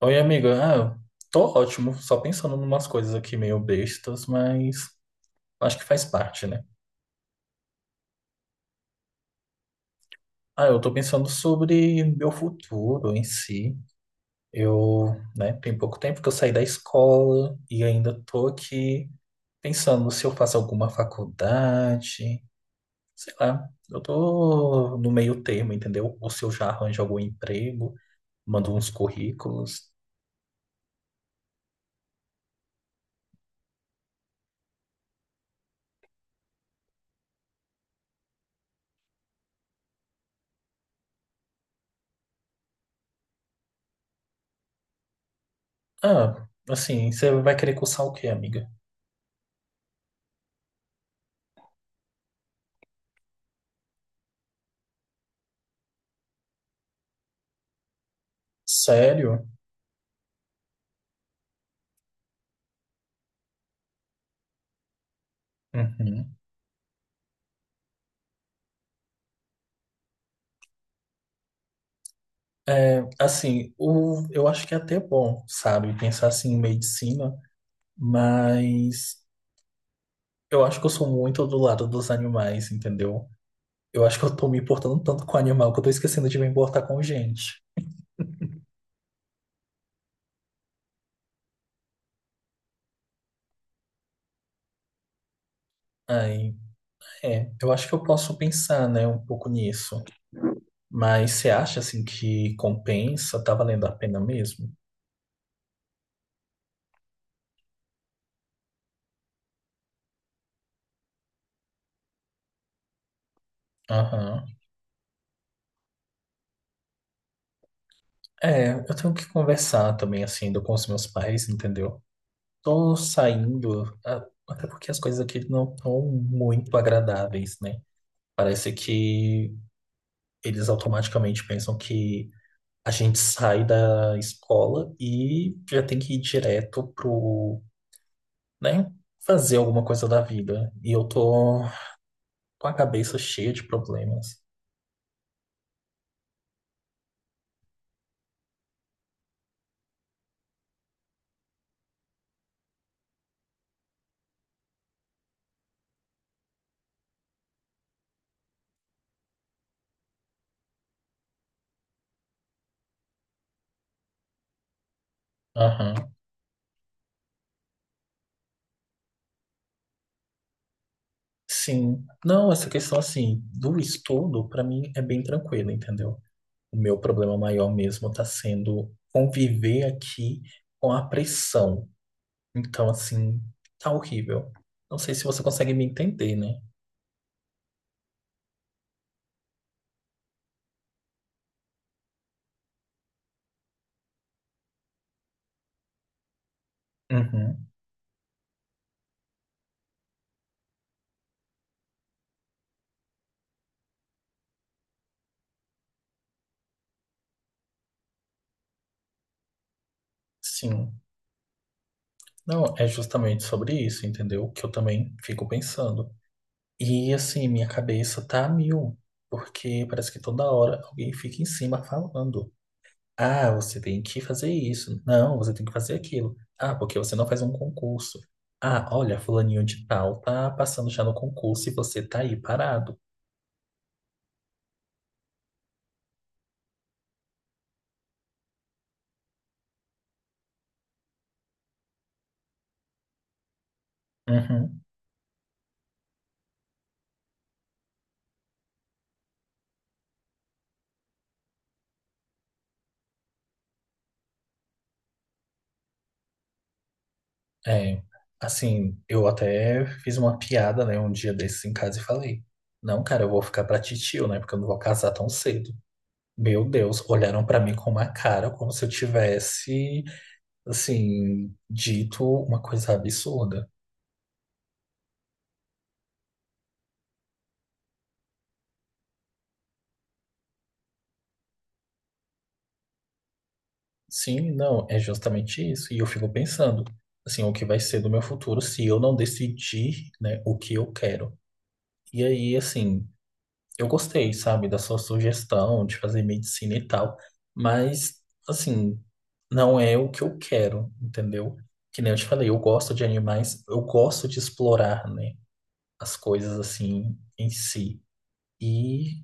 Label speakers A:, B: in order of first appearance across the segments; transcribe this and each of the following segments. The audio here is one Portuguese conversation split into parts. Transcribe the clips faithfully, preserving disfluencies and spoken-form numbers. A: Oi, amiga. Ah, eu tô ótimo, só pensando em umas coisas aqui meio bestas, mas acho que faz parte, né? Ah, eu tô pensando sobre meu futuro em si. Eu, né, tem pouco tempo que eu saí da escola e ainda tô aqui pensando se eu faço alguma faculdade, sei lá. Eu tô no meio termo, entendeu? Ou se eu já arranjo algum emprego, mando uns currículos. Ah, assim, você vai querer cursar o quê, amiga? Sério? Uhum. É, assim, o, eu acho que é até bom, sabe, pensar assim em medicina, mas eu acho que eu sou muito do lado dos animais, entendeu? Eu acho que eu tô me importando tanto com o animal que eu tô esquecendo de me importar com gente. Aí, é, eu acho que eu posso pensar, né, um pouco nisso. Mas você acha, assim, que compensa? Tá valendo a pena mesmo? Aham. É, eu tenho que conversar também, assim, ainda com os meus pais, entendeu? Tô saindo, a- até porque as coisas aqui não estão muito agradáveis, né? Parece que eles automaticamente pensam que a gente sai da escola e já tem que ir direto pro, né, fazer alguma coisa da vida. E eu tô com a cabeça cheia de problemas. Aham. Sim. Não, essa questão assim do estudo, pra mim é bem tranquilo, entendeu? O meu problema maior mesmo está sendo conviver aqui com a pressão. Então, assim, tá horrível. Não sei se você consegue me entender, né? Uhum, sim. Não, é justamente sobre isso, entendeu? Que eu também fico pensando. E, assim, minha cabeça tá a mil, porque parece que toda hora alguém fica em cima falando. Ah, você tem que fazer isso. Não, você tem que fazer aquilo. Ah, porque você não faz um concurso. Ah, olha, fulaninho de tal tá passando já no concurso e você tá aí parado. Uhum. É, assim, eu até fiz uma piada, né, um dia desses em casa e falei: não, cara, eu vou ficar pra titio, né, porque eu não vou casar tão cedo. Meu Deus, olharam pra mim com uma cara como se eu tivesse, assim, dito uma coisa absurda. Sim, não, é justamente isso. E eu fico pensando, assim, o que vai ser do meu futuro se eu não decidir, né, o que eu quero. E aí, assim, eu gostei, sabe, da sua sugestão de fazer medicina e tal, mas, assim, não é o que eu quero, entendeu? Que nem eu te falei, eu gosto de animais, eu gosto de explorar, né, as coisas assim em si. E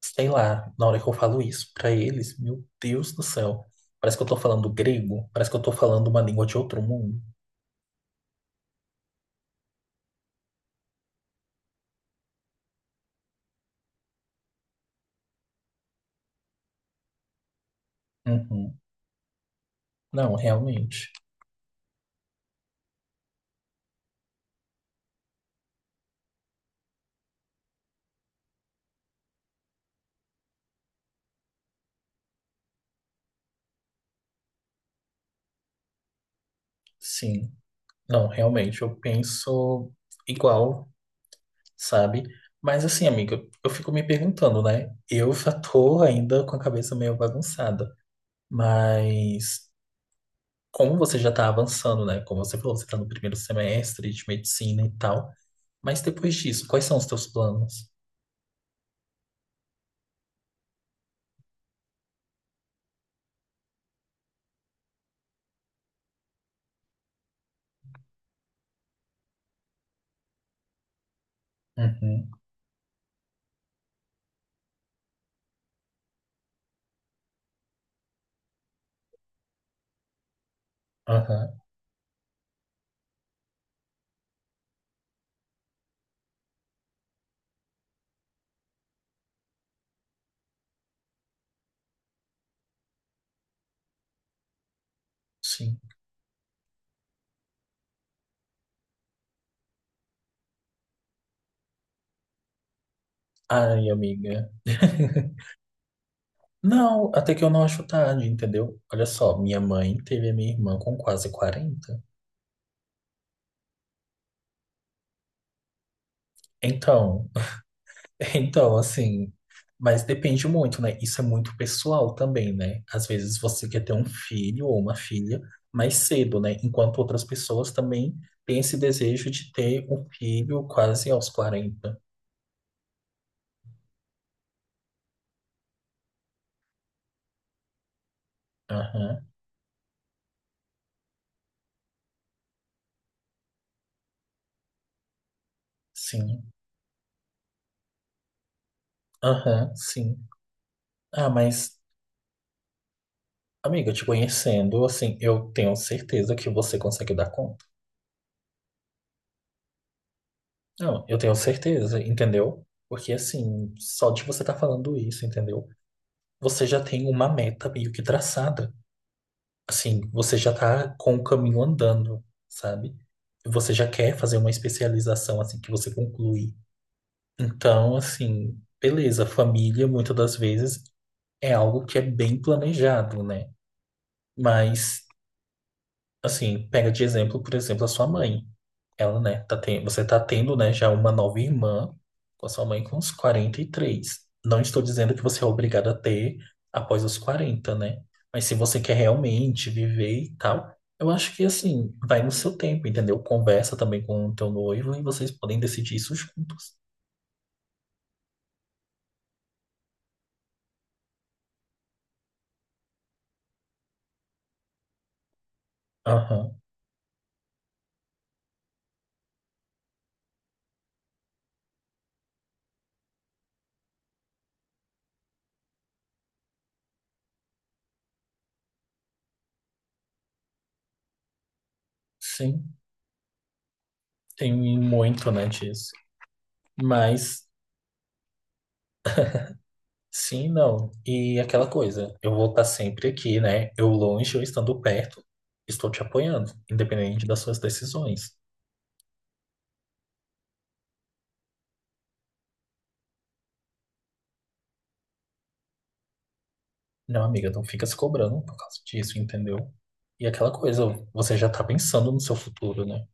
A: sei lá, na hora que eu falo isso pra eles, meu Deus do céu. Parece que eu tô falando grego, parece que eu tô falando uma língua de outro mundo. Uhum. Não, realmente. Sim. Não, realmente, eu penso igual, sabe? Mas assim, amiga, eu fico me perguntando, né? Eu já tô ainda com a cabeça meio bagunçada. Mas como você já tá avançando, né? Como você falou, você tá no primeiro semestre de medicina e tal. Mas depois disso, quais são os teus planos? Uhum. Aham. Sim. Ai, amiga. Não, até que eu não acho tarde, entendeu? Olha só, minha mãe teve a minha irmã com quase quarenta. Então, então, assim, mas depende muito, né? Isso é muito pessoal também, né? Às vezes você quer ter um filho ou uma filha mais cedo, né? Enquanto outras pessoas também têm esse desejo de ter um filho quase aos quarenta. Aham, sim. Aham, sim. Ah, mas Amiga, te conhecendo, assim, eu tenho certeza que você consegue dar conta. Não, eu tenho certeza, entendeu? Porque, assim, só de você estar falando isso, entendeu? Você já tem uma meta meio que traçada. Assim, você já tá com o caminho andando, sabe? Você já quer fazer uma especialização, assim, que você conclui. Então, assim, beleza, família, muitas das vezes, é algo que é bem planejado, né? Mas, assim, pega de exemplo, por exemplo, a sua mãe. Ela, né, tá ten- você tá tendo, né, já uma nova irmã com a sua mãe com uns quarenta e três. Não estou dizendo que você é obrigado a ter após os quarenta, né? Mas se você quer realmente viver e tal, eu acho que, assim, vai no seu tempo, entendeu? Conversa também com o teu noivo e vocês podem decidir isso juntos. Aham, sim, tem muito, né, disso. Mas Sim, não. E aquela coisa, eu vou estar sempre aqui, né? Eu longe, eu estando perto, estou te apoiando, independente das suas decisões. Não, amiga, não fica se cobrando por causa disso, entendeu? E aquela coisa, você já tá pensando no seu futuro, né?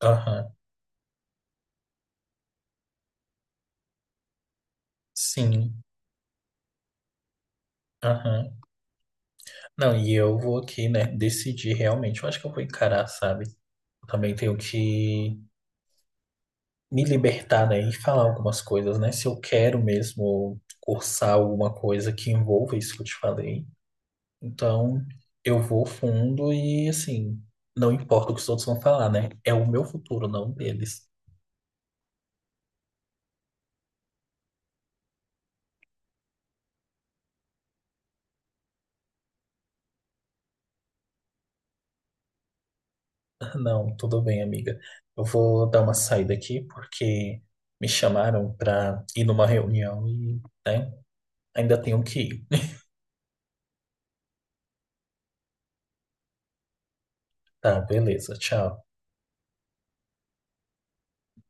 A: Aham, sim, aham. Não, e eu vou aqui, né, decidir realmente. Eu acho que eu vou encarar, sabe? Eu também tenho que me libertar, né, e falar algumas coisas, né? Se eu quero mesmo cursar alguma coisa que envolva isso que eu te falei. Então, eu vou fundo e, assim, não importa o que os outros vão falar, né? É o meu futuro, não o deles. Não, tudo bem, amiga. Eu vou dar uma saída aqui porque me chamaram para ir numa reunião e, né, ainda tenho que ir. Tá, beleza, tchau.